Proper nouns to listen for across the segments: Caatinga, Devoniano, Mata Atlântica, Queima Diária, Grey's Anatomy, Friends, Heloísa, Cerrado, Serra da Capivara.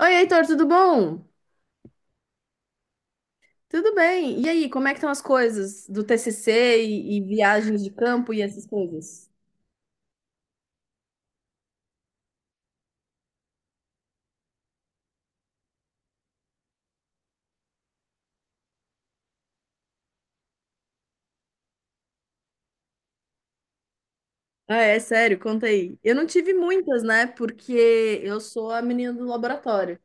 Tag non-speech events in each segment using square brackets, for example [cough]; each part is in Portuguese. Oi, Heitor, tudo bom? Tudo bem. E aí, como é que estão as coisas do TCC e viagens de campo e essas coisas? Ah, é sério, conta aí. Eu não tive muitas, né? Porque eu sou a menina do laboratório.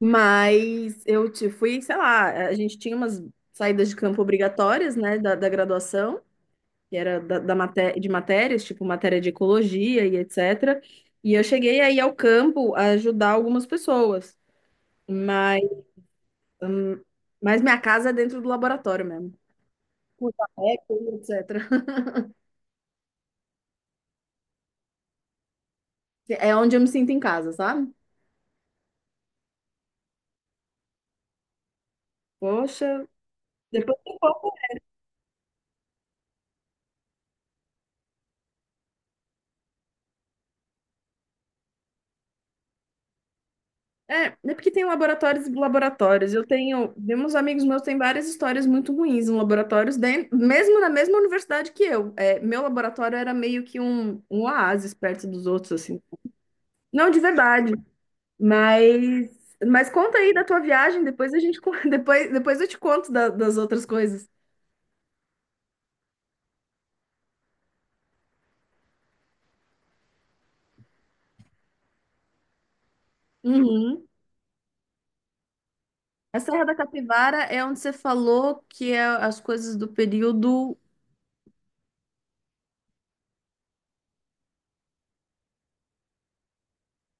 Mas eu te fui, sei lá, a gente tinha umas saídas de campo obrigatórias, né, da graduação, que era da, da maté de matérias, tipo matéria de ecologia e etc. E eu cheguei aí ao campo a ajudar algumas pessoas, mas, mas minha casa é dentro do laboratório mesmo. Curta eco, etc. [laughs] É onde eu me sinto em casa, sabe? Poxa, depois tem pouco. É porque tem laboratórios e laboratórios. Eu tenho, tem uns amigos meus têm várias histórias muito ruins em laboratórios, dentro, mesmo na mesma universidade que eu. É, meu laboratório era meio que um oásis perto dos outros, assim. Não de verdade, mas, mas conta aí da tua viagem, depois a gente, [laughs] depois eu te conto das outras coisas. Uhum. A Serra da Capivara é onde você falou que é as coisas do período.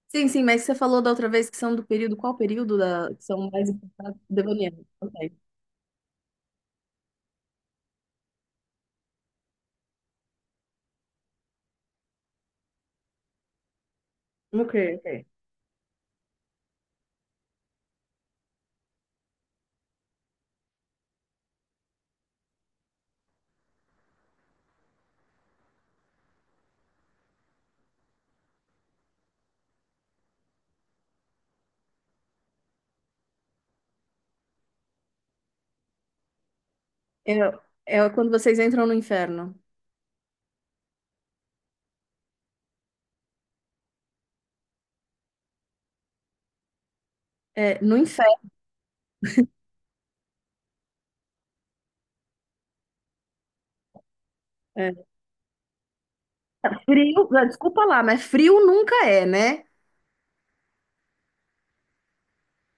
Sim, sim, mas você falou da outra vez que são do período. Qual período da... que são mais importantes? Devoniano. Ok. Ok, ok. É, é quando vocês entram no inferno. É, no inferno. É. Frio. Desculpa lá, mas frio nunca é, né?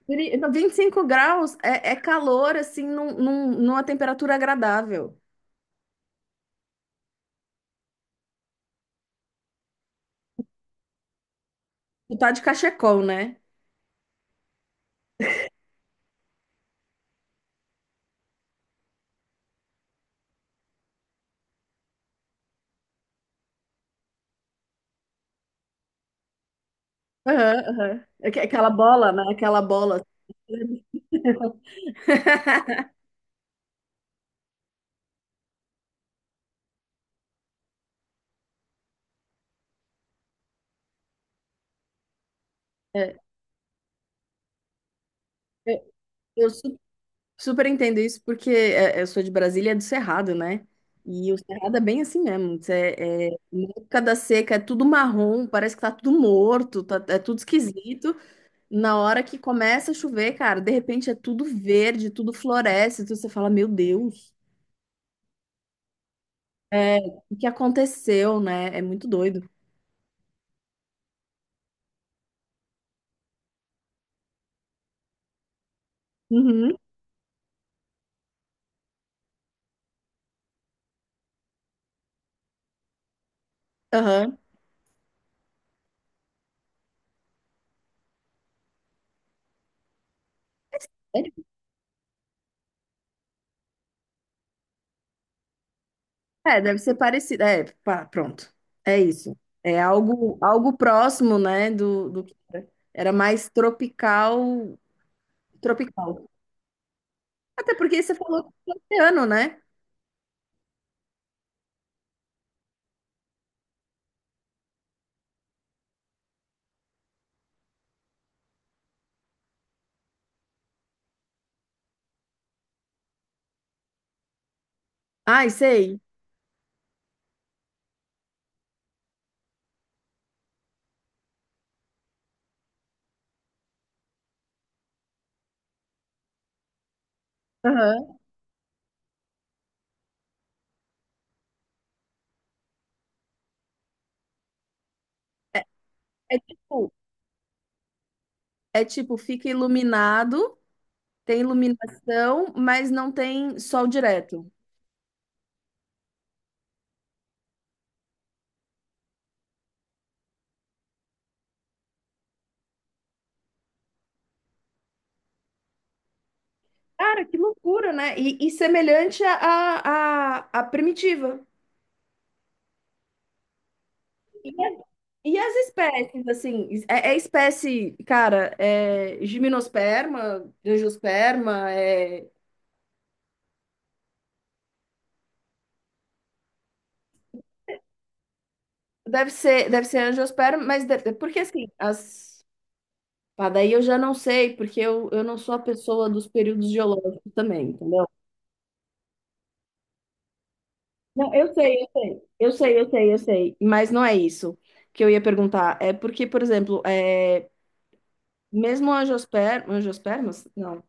Não, 25 graus é calor, assim, numa temperatura agradável. Tu tá de cachecol, né? Aham, aham. Aquela bola, né? Aquela bola. [laughs] É, eu, eu super entendo isso, porque eu sou de Brasília, é do Cerrado, né? E o Cerrado é bem assim mesmo. É, na época da seca é tudo marrom, parece que tá tudo morto, é tudo esquisito. Na hora que começa a chover, cara, de repente é tudo verde, tudo floresce, tudo, você fala, meu Deus, é, o que aconteceu, né? É muito doido. Uhum, aham. É, deve ser parecido. É, pá, pronto. É isso. É algo próximo, né, do que era. Era mais tropical. Tropical. Até porque você falou que é oceano, né? Ai, sei. Aham. É tipo, é tipo, fica iluminado, tem iluminação, mas não tem sol direto. Cara, que loucura, né? E semelhante à primitiva. E, a- e as espécies, assim, é espécie, cara, é gimnosperma, angiosperma, é, deve ser angiosperma, mas porque assim, as. Pá, daí eu já não sei, porque eu não sou a pessoa dos períodos geológicos também, entendeu? Não, eu sei, eu sei, eu sei, eu sei, eu sei, mas não é isso que eu ia perguntar. É porque, por exemplo, mesmo angiospermas, não.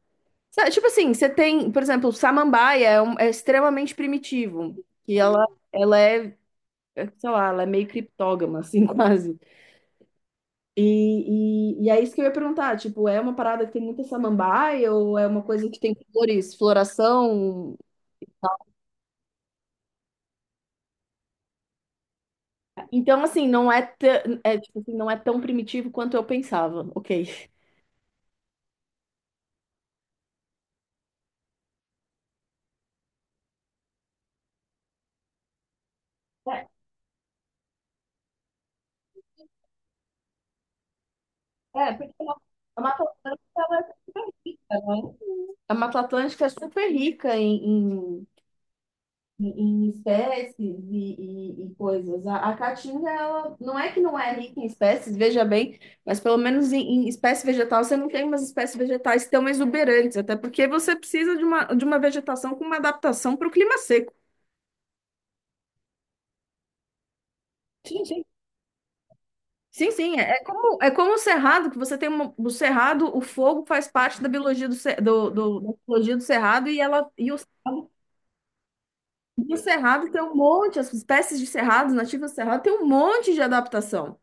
Tipo assim, você tem, por exemplo, samambaia é extremamente primitivo, que ela é, sei lá, ela é meio criptógama, assim, [laughs] quase. E é isso que eu ia perguntar, tipo, é uma parada que tem muita samambaia ou é uma coisa que tem flores, floração. Então, assim, não é, é, tipo assim, não é tão primitivo quanto eu pensava. Ok. É, é, porque A Mata Atlântica ela é super rica, não é? A Mata Atlântica é super rica em espécies e coisas. A Caatinga, ela não é que não é rica em espécies, veja bem, mas pelo menos em, em espécie vegetal você não tem umas espécies vegetais tão exuberantes, até porque você precisa de uma vegetação com uma adaptação para o clima seco. Sim, sim, é como o cerrado, que você tem o cerrado, o fogo faz parte da biologia do, ce- do, do- da biologia do cerrado e ela e o cerrado tem um monte, as espécies de cerrados, nativas do cerrado, tem um monte de adaptação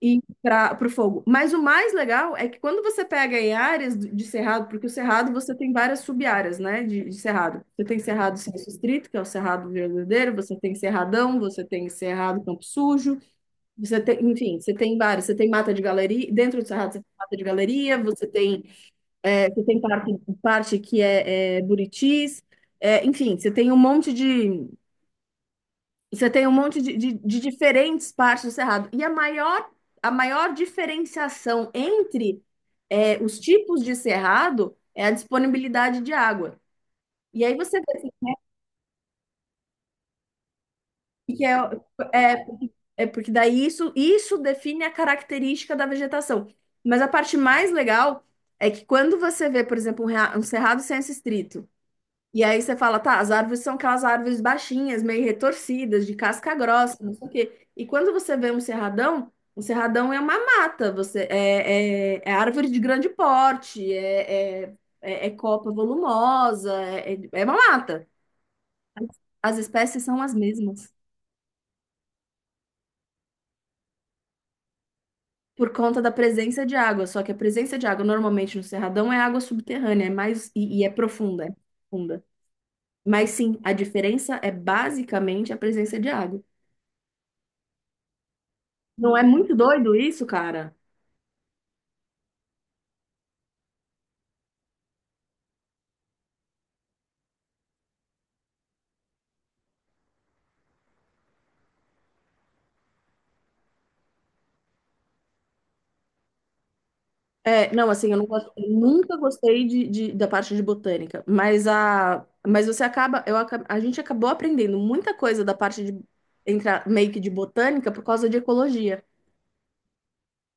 e para o fogo. Mas o mais legal é que quando você pega em áreas de cerrado, porque o cerrado você tem várias sub-áreas, né, de cerrado. Você tem cerrado sem restrito, que é o cerrado verdadeiro, você tem cerradão, você tem cerrado campo sujo, você tem, enfim, você tem vários. Você tem mata de galeria, dentro do Cerrado você tem mata de galeria, você tem parte que é Buritis, enfim, você tem um monte de, você tem um monte de diferentes partes do Cerrado. E a maior diferenciação entre os tipos de cerrado é a disponibilidade de água. E aí você vê que é, é, é porque daí isso define a característica da vegetação. Mas a parte mais legal é que quando você vê, por exemplo, um cerrado sem esse estrito, e aí você fala, tá, as árvores são aquelas árvores baixinhas, meio retorcidas, de casca grossa, não sei o quê. E quando você vê um cerradão é uma mata, você é árvore de grande porte, é copa volumosa, é uma mata. As as espécies são as mesmas. Por conta da presença de água, só que a presença de água normalmente no Cerradão é água subterrânea, é mais e é profunda, é profunda. Mas sim, a diferença é basicamente a presença de água. Não é muito doido isso, cara? É, não, assim, eu não gosto, eu nunca gostei de, da parte de botânica, mas a, mas você acaba, a gente acabou aprendendo muita coisa da parte de, meio que de botânica por causa de ecologia.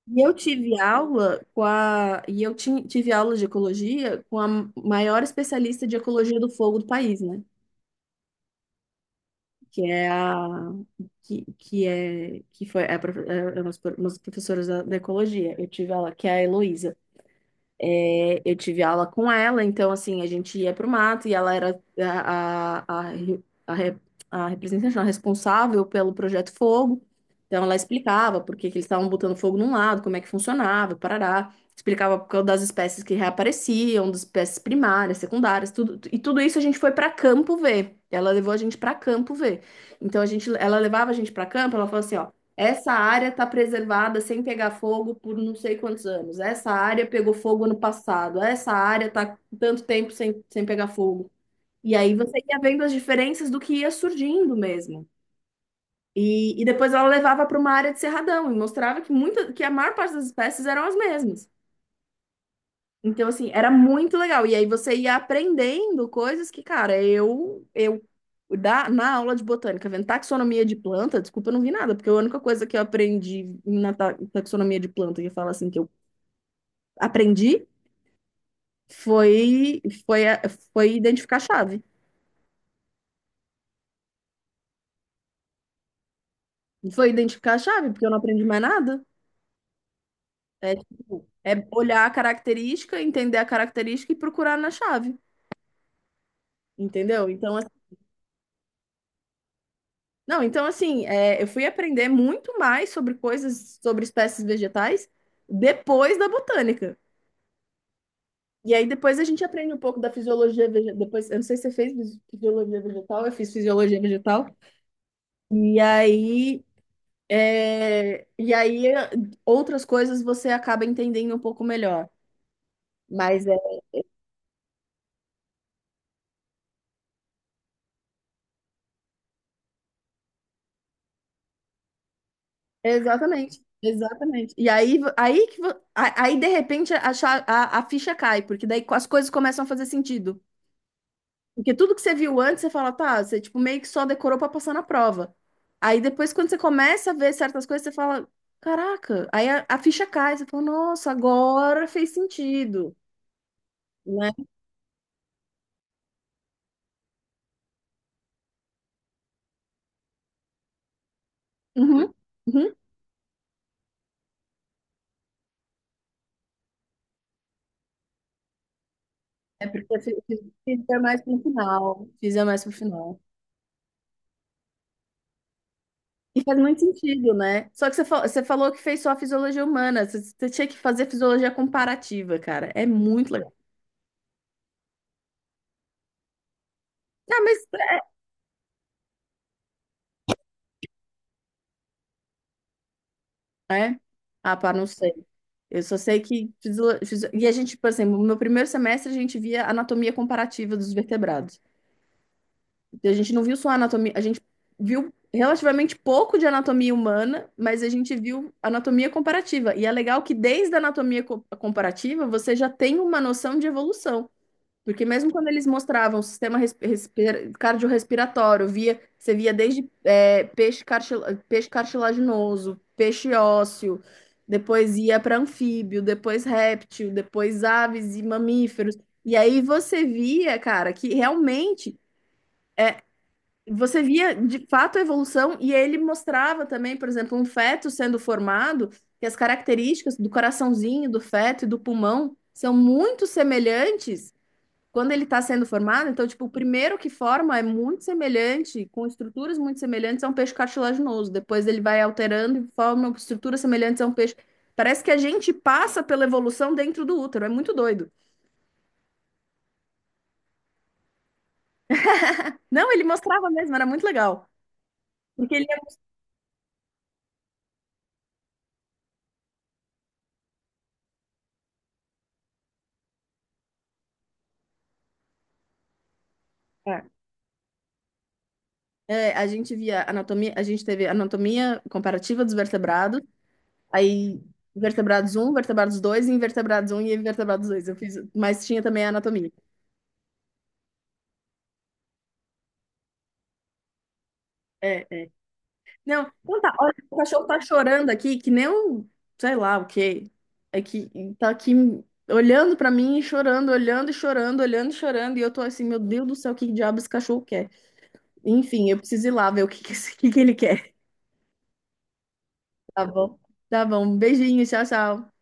E eu tive aula com a, e eu tive aula de ecologia com a maior especialista de ecologia do fogo do país, né? Que é a que é que foi é a, é uma das umas professoras da ecologia. Eu tive aula que é a Heloísa. É, eu tive aula com ela, então assim, a gente ia pro mato e ela era a representante, não, a responsável pelo projeto Fogo. Então ela explicava por que que eles estavam botando fogo num lado, como é que funcionava, parará. Explicava por causa das espécies que reapareciam, das espécies primárias, secundárias, tudo. E tudo isso a gente foi para campo ver. Ela levou a gente para campo ver. Então a gente, ela levava a gente para campo, ela falou assim, ó, essa área está preservada sem pegar fogo por não sei quantos anos. Essa área pegou fogo ano passado. Essa área está tanto tempo sem, sem pegar fogo. E aí você ia vendo as diferenças do que ia surgindo mesmo. E depois ela levava para uma área de cerradão e mostrava que, que a maior parte das espécies eram as mesmas. Então, assim, era muito legal. E aí você ia aprendendo coisas que, cara, eu na aula de botânica, vendo taxonomia de planta, desculpa, eu não vi nada, porque a única coisa que eu aprendi na taxonomia de planta, que eu falo assim, que eu aprendi, foi, foi, a- foi identificar a chave. Foi identificar a chave, porque eu não aprendi mais nada. É, tipo, é olhar a característica, entender a característica e procurar na chave, entendeu? Então, não, então assim, eu fui aprender muito mais sobre coisas, sobre espécies vegetais depois da botânica. E aí depois a gente aprende um pouco da fisiologia vegetal. Depois, eu não sei se você fez fisiologia vegetal, eu fiz fisiologia vegetal. E aí, e aí, outras coisas você acaba entendendo um pouco melhor. Mas é exatamente, exatamente. E aí, vo- aí que vo- a- aí de repente a ficha cai, porque daí as coisas começam a fazer sentido. Porque tudo que você viu antes, você fala, tá, você tipo meio que só decorou pra passar na prova. Aí depois, quando você começa a ver certas coisas, você fala, caraca, aí a ficha cai, você fala, nossa, agora fez sentido, né? Uhum, uhum. É porque eu fiz mais pro final, fiz mais pro final. E faz muito sentido, né? Só que você falou que fez só a fisiologia humana, você tinha que fazer fisiologia comparativa, cara. É muito legal. Ah, mas. É? Ah, pá, não sei. Eu só sei que. E a gente, por exemplo, no meu primeiro semestre a gente via anatomia comparativa dos vertebrados. Então, a gente não viu só anatomia, a gente viu relativamente pouco de anatomia humana, mas a gente viu anatomia comparativa. E é legal que desde a anatomia comparativa você já tem uma noção de evolução. Porque mesmo quando eles mostravam o sistema cardiorrespiratório, você via desde peixe, peixe cartilaginoso, peixe ósseo, depois ia para anfíbio, depois réptil, depois aves e mamíferos. E aí você via, cara, que realmente você via de fato a evolução e ele mostrava também, por exemplo, um feto sendo formado, que as características do coraçãozinho, do feto e do pulmão são muito semelhantes quando ele está sendo formado, então, tipo, o primeiro que forma é muito semelhante, com estruturas muito semelhantes a um peixe cartilaginoso. Depois ele vai alterando e forma estruturas semelhantes a um peixe. Parece que a gente passa pela evolução dentro do útero, é muito doido. Não, ele mostrava mesmo, era muito legal. Porque é, a gente via anatomia, a gente teve anatomia comparativa dos vertebrados, aí vertebrados um, vertebrados 2, invertebrados um e invertebrados 2. Eu fiz, mas tinha também a anatomia. É, é. Não, então tá, olha, o cachorro tá chorando aqui, que nem um, sei lá o quê. É que tá aqui olhando pra mim, e chorando, olhando e chorando, olhando e chorando, e eu tô assim, meu Deus do céu, o que diabo esse cachorro quer? Enfim, eu preciso ir lá ver o que que, [laughs] o que que ele quer. Tá bom. Tá bom, beijinho, tchau, tchau.